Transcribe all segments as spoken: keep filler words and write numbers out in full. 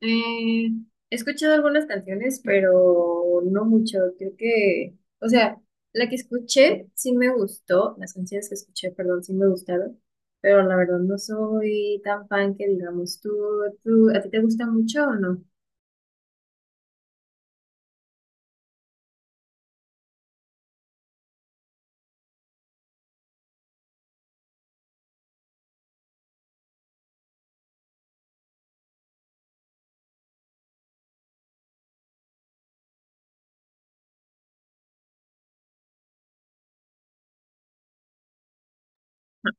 Eh, He escuchado algunas canciones, pero no mucho. Creo que, o sea, la que escuché sí me gustó, las canciones que escuché, perdón, sí me gustaron, pero la verdad no soy tan fan que digamos, tú, tú, ¿a ti te gusta mucho o no?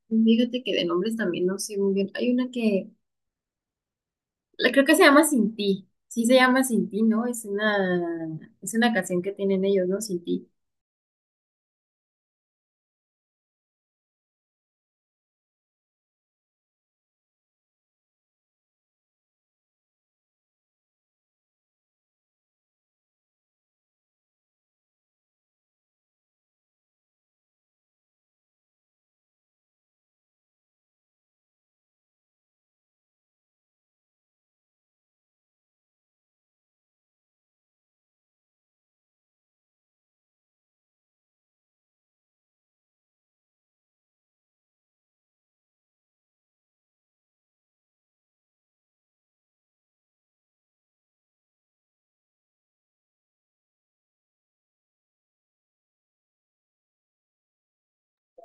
Fíjate que de nombres también no sé muy bien. Hay una que, la creo que se llama Sin Ti. Sí se llama Sin Ti, ¿no? Es una, es una canción que tienen ellos, ¿no? Sin Ti.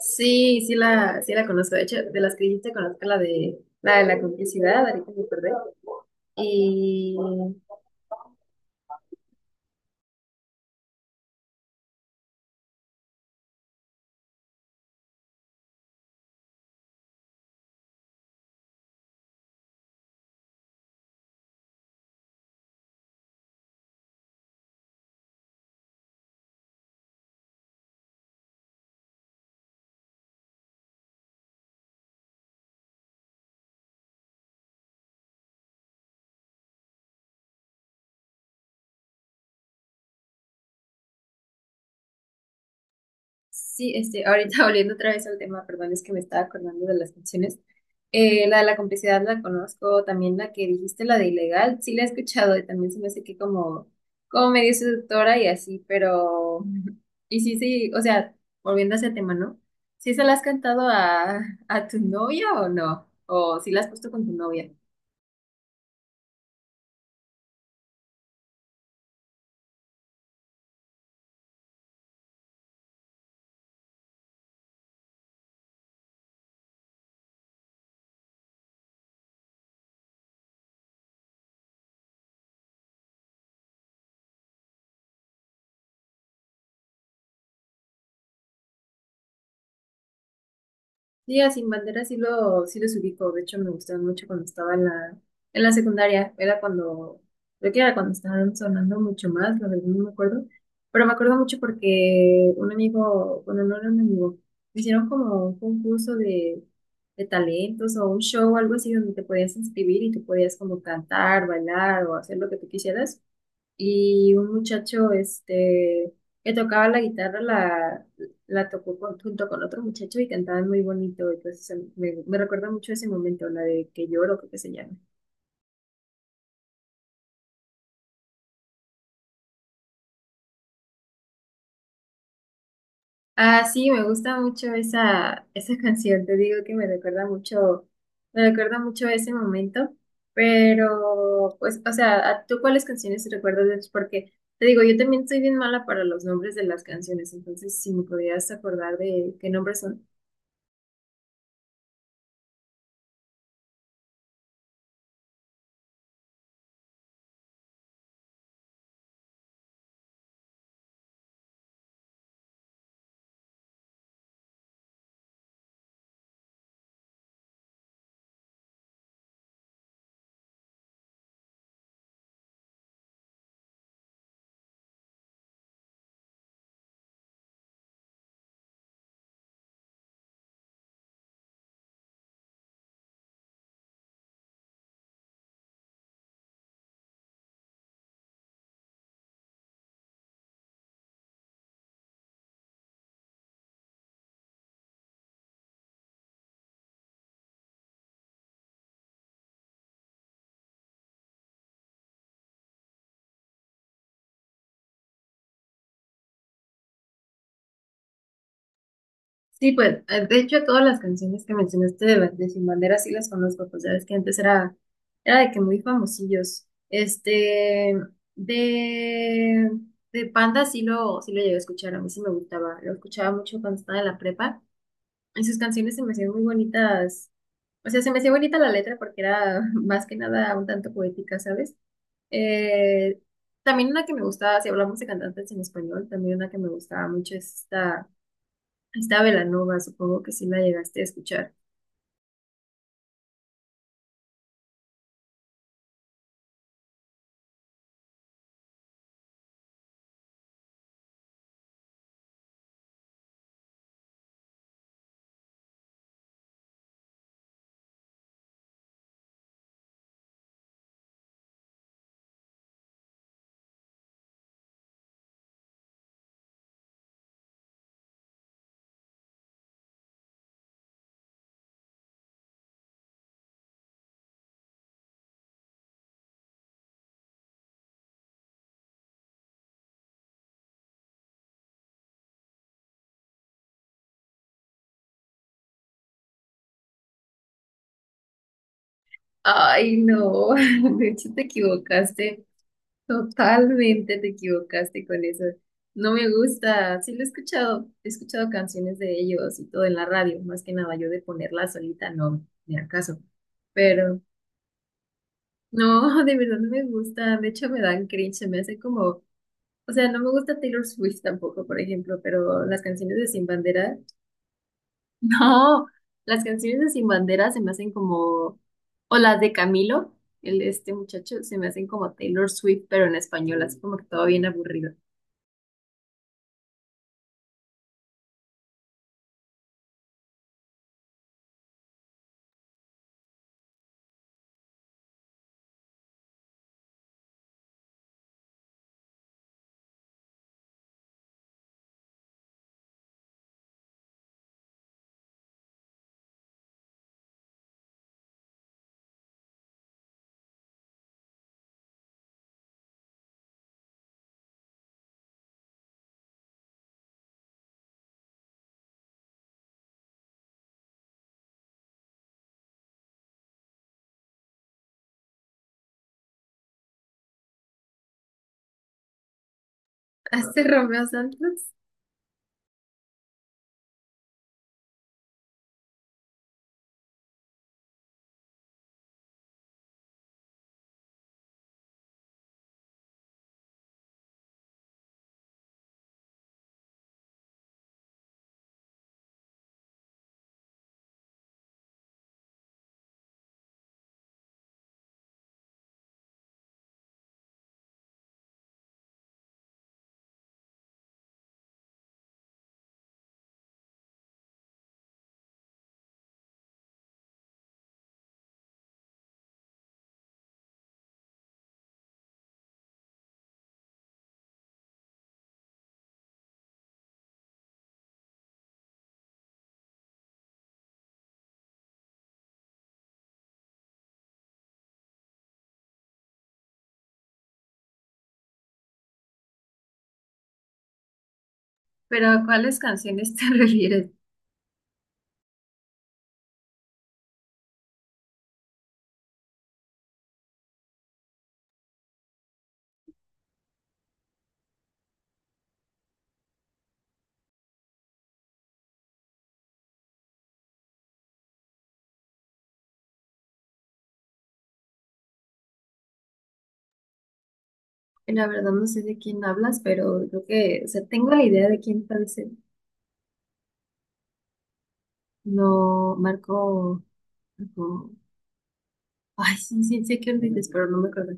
Sí, sí la, sí la conozco. De hecho, de las que dijiste conozco la de la de la complicidad, ahorita me acordé. Y sí, este, ahorita volviendo otra vez al tema, perdón, es que me estaba acordando de las canciones. Eh, la de la complicidad la conozco, también la que dijiste, la de ilegal, sí la he escuchado y también se me hace que como, como medio seductora y así, pero, y sí, sí, o sea, volviendo a ese tema, ¿no? ¿Sí se la has cantado a, a tu novia o no? ¿O si la has puesto con tu novia? Sí, a Sin Bandera sí, lo, sí los ubico. De hecho, me gustaban mucho cuando estaba en la, en la secundaria. Era cuando, creo que era cuando estaban sonando mucho más, la verdad no me acuerdo. Pero me acuerdo mucho porque un amigo, bueno, no era un amigo, hicieron como un concurso de, de talentos o un show o algo así donde te podías inscribir y tú podías como cantar, bailar o hacer lo que tú quisieras y un muchacho este, que tocaba la guitarra la, la tocó con- junto con otro muchacho y cantaban muy bonito. Entonces se- me, me recuerda mucho ese momento, la de que lloro, creo que se llama. Ah, sí, me gusta mucho esa, esa canción, te digo que me recuerda mucho, me recuerda mucho a ese momento, pero pues, o sea, ¿a ¿tú cuáles canciones te recuerdas de ellos? Porque te digo, yo también soy bien mala para los nombres de las canciones, entonces si me podrías acordar de qué nombres son. Sí, pues, eh, de hecho, todas las canciones que mencionaste de, Ba- de Sin Bandera sí las conozco, pues ya ves que antes era, era de que muy famosillos. Este, de, de Panda sí lo, sí lo llegué a escuchar, a mí sí me gustaba, lo escuchaba mucho cuando estaba en la prepa, y sus canciones se me hacían muy bonitas, o sea, se me hacía bonita la letra porque era más que nada un tanto poética, ¿sabes? Eh, También una que me gustaba, si hablamos de cantantes en español, también una que me gustaba mucho es esta... Está Belanova, supongo que sí la llegaste a escuchar. Ay, no, de hecho te equivocaste, totalmente te equivocaste con eso. No me gusta, sí lo he escuchado, he escuchado canciones de ellos y todo en la radio, más que nada yo de ponerla solita, no, ni al caso. Pero no, de verdad no me gusta, de hecho me dan cringe, se me hace como, o sea, no me gusta Taylor Swift tampoco, por ejemplo, pero las canciones de Sin Bandera. No, las canciones de Sin Bandera se me hacen como, o las de Camilo, el este muchacho, se me hacen como Taylor Swift, pero en español, así como que todo bien aburrido. Este Romeo Santos, pero ¿a cuáles canciones te refieres? La verdad no sé de quién hablas, pero creo que, o sea, tengo la idea de quién tal vez, eh, no, Marco, Marco- ay, sí, sí, sé que dices, pero no me acuerdo.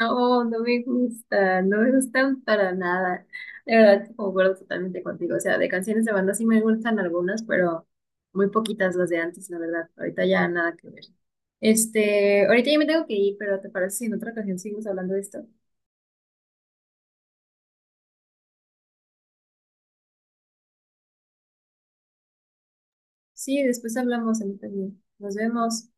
No, no me gusta, no me gustan para nada. De verdad, concuerdo totalmente contigo. O sea, de canciones de banda sí me gustan algunas, pero muy poquitas las de antes, la verdad. Ahorita ya nada que ver. Este, ahorita ya me tengo que ir, pero ¿te parece si en otra ocasión seguimos hablando de esto? Sí, después hablamos a mí también. Nos vemos.